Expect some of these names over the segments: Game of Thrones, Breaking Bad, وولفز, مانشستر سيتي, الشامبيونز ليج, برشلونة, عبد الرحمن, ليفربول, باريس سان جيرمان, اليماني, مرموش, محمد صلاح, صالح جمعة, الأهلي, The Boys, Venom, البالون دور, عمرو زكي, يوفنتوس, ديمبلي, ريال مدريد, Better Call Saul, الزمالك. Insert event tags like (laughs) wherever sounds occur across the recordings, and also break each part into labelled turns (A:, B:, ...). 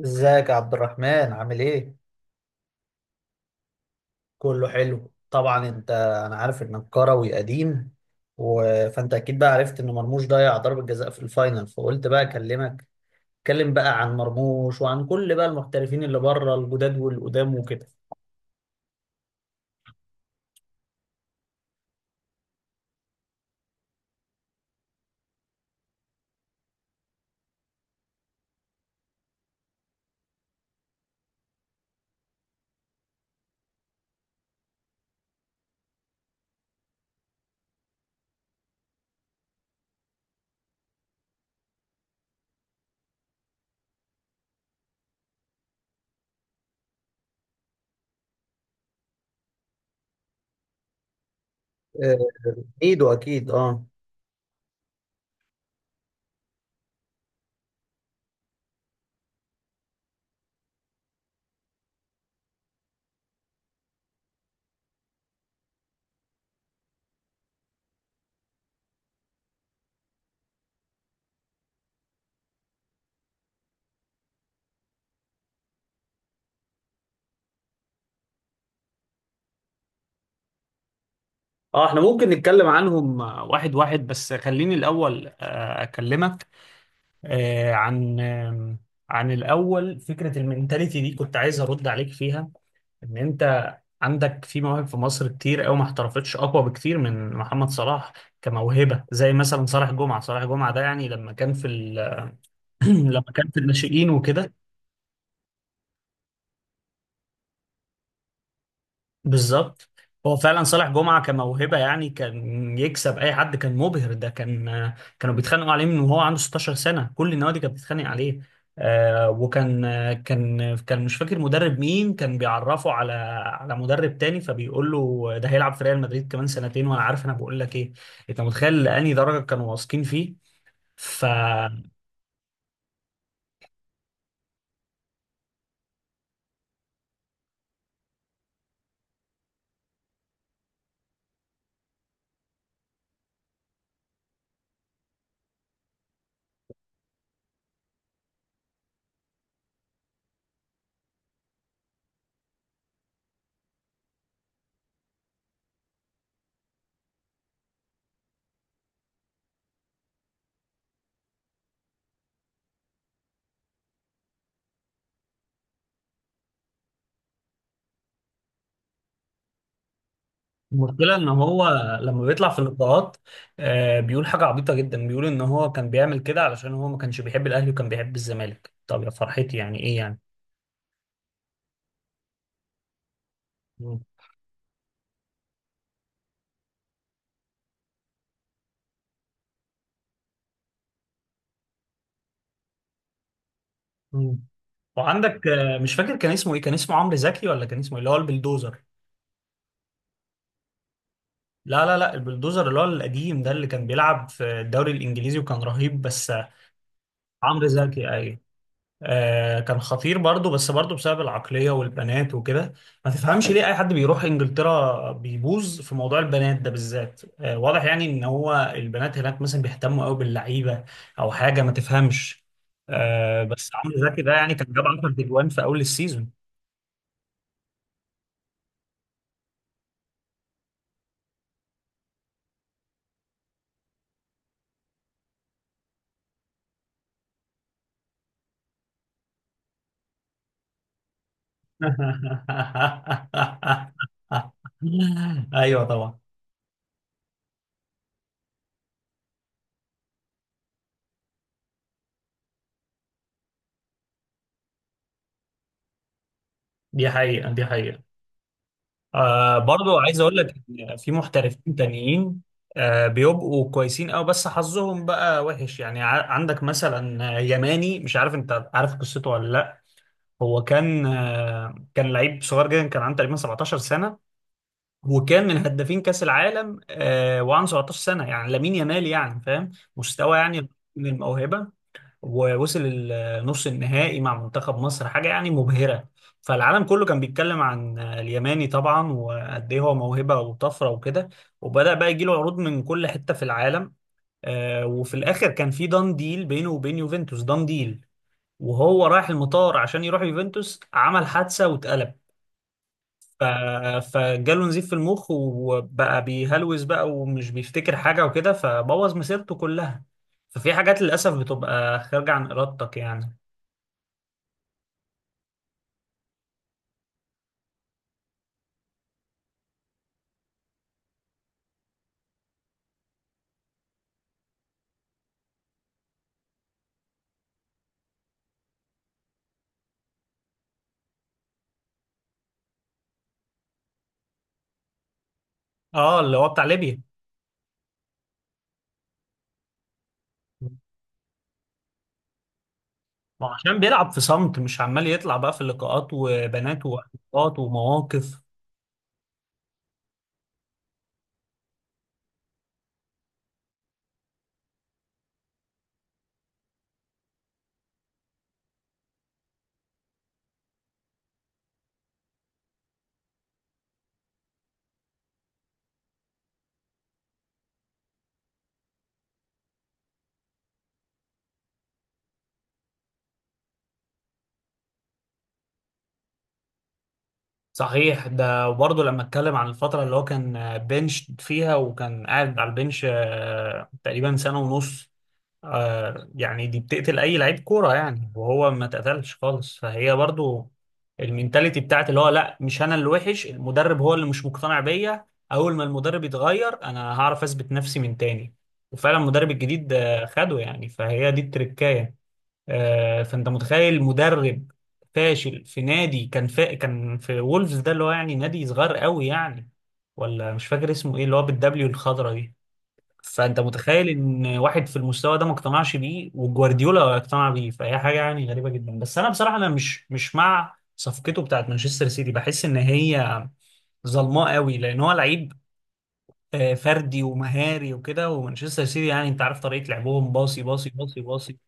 A: ازيك يا عبد الرحمن؟ عامل ايه؟ كله حلو طبعا. انا عارف انك كروي قديم و... فانت اكيد بقى عرفت ان مرموش ضيع ضربة جزاء في الفاينل فقلت بقى اكلمك. اتكلم بقى عن مرموش وعن كل بقى المحترفين اللي بره الجداد والقدام وكده. آه، ايده اكيد اه. اه، احنا ممكن نتكلم عنهم واحد واحد، بس خليني الاول اكلمك آه، عن آم، عن الاول فكرة المينتاليتي دي كنت عايز ارد عليك فيها. ان انت عندك في مواهب في مصر كتير قوي ما احترفتش اقوى بكتير من محمد صلاح كموهبة، زي مثلا صالح جمعة. صالح جمعة ده يعني لما كان في (clears throat) لما كان في الناشئين وكده. بالظبط، هو فعلا صالح جمعة كموهبة يعني كان يكسب أي حد، كان مبهر. ده كانوا بيتخانقوا عليه من وهو عنده 16 سنة، كل النوادي كانت بتتخانق عليه. آه وكان آه، كان كان مش فاكر مدرب مين كان بيعرفه على مدرب تاني، فبيقول له ده هيلعب في ريال مدريد كمان سنتين، وأنا عارف أنا بقول لك إيه. أنت متخيل لأني درجة كانوا واثقين فيه. ف المشكلة إن هو لما بيطلع في اللقاءات بيقول حاجة عبيطة جدا، بيقول إن هو كان بيعمل كده علشان هو ما كانش بيحب الأهلي وكان بيحب الزمالك. طب يا فرحتي، يعني إيه يعني. مم. مم. وعندك مش فاكر كان اسمه إيه، كان اسمه عمرو زكي ولا كان اسمه إيه؟ اللي هو البلدوزر. لا لا لا، البلدوزر اللي هو القديم ده، اللي كان بيلعب في الدوري الإنجليزي وكان رهيب. بس عمرو زكي، أيوه. كان خطير برضه، بس برضه بسبب العقلية والبنات وكده. ما تفهمش ليه أي حد بيروح إنجلترا بيبوظ في موضوع البنات ده بالذات. واضح يعني إن هو البنات هناك مثلا بيهتموا قوي باللعيبة، أو حاجة ما تفهمش. بس عمرو زكي ده يعني كان جاب 10 تجوان في أول السيزون. (laughs) أيوه طبعا. دي حقيقة دي حقيقة. برضو عايز اقول لك ان في محترفين تانيين بيبقوا كويسين قوي، بس حظهم بقى وحش يعني. عندك مثلا يماني، مش عارف انت عارف قصته ولا لا. هو كان لعيب صغير جدا، كان عنده تقريبا 17 سنة، وكان من هدافين كأس العالم. وعنده 17 سنة، يعني لامين يامال يعني، فاهم مستوى يعني من الموهبة. ووصل النص النهائي مع منتخب مصر، حاجة يعني مبهرة. فالعالم كله كان بيتكلم عن اليماني طبعا، وقد ايه هو موهبة وطفرة وكده، وبدأ بقى يجيله عروض من كل حتة في العالم. وفي الآخر كان في دان ديل بينه وبين يوفنتوس، دان ديل وهو رايح المطار عشان يروح يوفنتوس عمل حادثة واتقلب. ف- فجاله نزيف في المخ وبقى بيهلوس بقى، ومش بيفتكر حاجة وكده، فبوظ مسيرته كلها. ففي حاجات للأسف بتبقى خارجة عن إرادتك يعني. اه، اللي هو بتاع ليبيا. ما هو عشان بيلعب في صمت، مش عمال يطلع بقى في اللقاءات وبنات وحوارات ومواقف. صحيح، ده برضه لما اتكلم عن الفترة اللي هو كان بنش فيها وكان قاعد على البنش تقريبا سنة ونص. يعني دي بتقتل اي لعيب كوره يعني، وهو ما اتقتلش خالص، فهي برضو المينتاليتي بتاعت اللي هو لا مش انا اللي وحش المدرب، هو اللي مش مقتنع بيا. اول ما المدرب يتغير انا هعرف اثبت نفسي من تاني. وفعلا المدرب الجديد خده يعني، فهي دي التركايه. فانت متخيل مدرب فاشل في نادي، كان في وولفز ده، اللي هو يعني نادي صغير قوي يعني. ولا مش فاكر اسمه ايه، اللي هو بالدبليو الخضرا دي. فانت متخيل ان واحد في المستوى ده ما اقتنعش بيه، وجوارديولا اقتنع بيه، فهي حاجه يعني غريبه جدا. بس انا بصراحه انا مش مع صفقته بتاعت مانشستر سيتي، بحس ان هي ظلماء قوي، لان هو لعيب فردي ومهاري وكده، ومانشستر سيتي يعني انت عارف طريقه لعبهم، باصي باصي باصي باصي.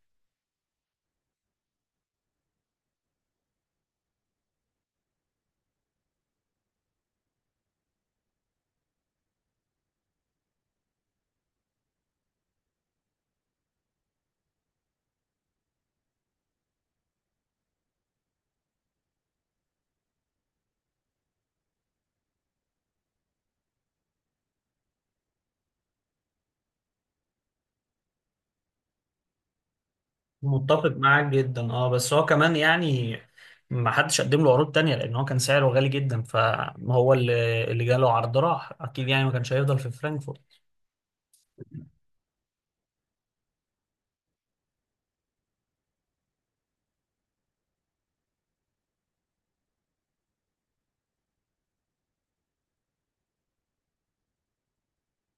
A: متفق معاك جدا. اه بس هو كمان يعني ما حدش قدم له عروض تانية، لان هو كان سعره غالي جدا، فهو اللي جاله عرض راح اكيد يعني، ما كانش هيفضل في فرانكفورت.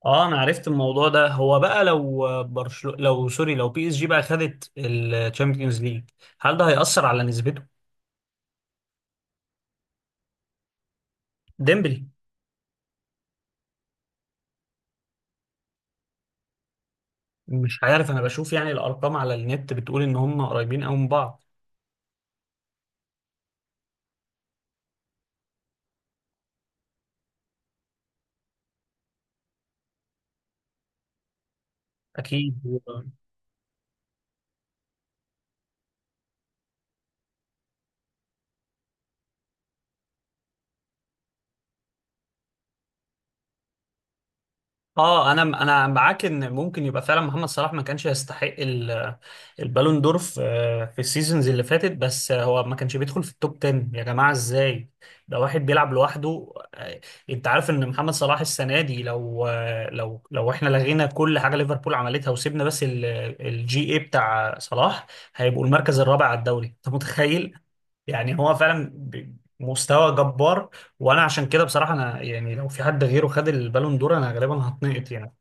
A: اه، انا عرفت الموضوع ده. هو بقى لو برشلونة لو سوري لو بي اس جي بقى خدت الشامبيونز ليج، هل ده هيأثر على نسبته؟ ديمبلي، مش عارف. انا بشوف يعني الارقام على النت بتقول ان هم قريبين قوي من بعض. اكيد. اه، انا معاك ان ممكن يبقى فعلا محمد صلاح ما كانش يستحق البالون دور في السيزونز اللي فاتت، بس هو ما كانش بيدخل في التوب 10 يا جماعه، ازاي؟ ده واحد بيلعب لوحده. انت عارف ان محمد صلاح السنه دي لو لو احنا لغينا كل حاجه ليفربول عملتها وسيبنا بس الجي اي بتاع صلاح، هيبقوا المركز الرابع على الدوري، انت متخيل؟ يعني هو فعلا مستوى جبار، وانا عشان كده بصراحه انا يعني لو في حد غيره خد البالون دور انا غالبا هتنقط يعني.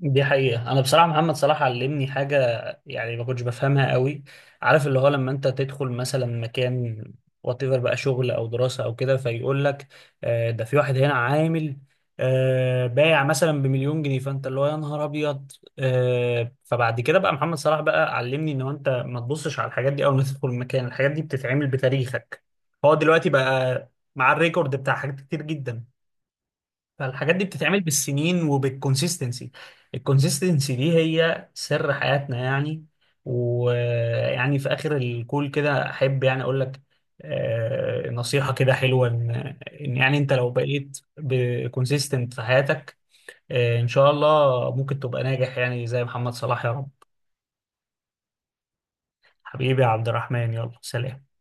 A: دي حقيقة، أنا بصراحة محمد صلاح علمني حاجة يعني ما كنتش بفهمها قوي. عارف اللي هو لما أنت تدخل مثلا مكان، واتيفر بقى شغل أو دراسة أو كده، فيقول لك ده في واحد هنا عامل بايع مثلا بمليون جنيه، فأنت اللي هو يا نهار أبيض. فبعد كده بقى محمد صلاح بقى علمني إن هو أنت ما تبصش على الحاجات دي، أول ما تدخل المكان الحاجات دي بتتعمل بتاريخك. هو دلوقتي بقى مع الريكورد بتاع حاجات كتير جدا، فالحاجات دي بتتعمل بالسنين وبالكونسيستنسي. الكونسيستنسي دي هي سر حياتنا يعني. ويعني في اخر الكول كده احب يعني اقول لك نصيحة كده حلوة، ان إن يعني انت لو بقيت بكونسيستنت في حياتك ان شاء الله ممكن تبقى ناجح يعني زي محمد صلاح، يا رب. حبيبي يا عبد الرحمن، يلا سلام.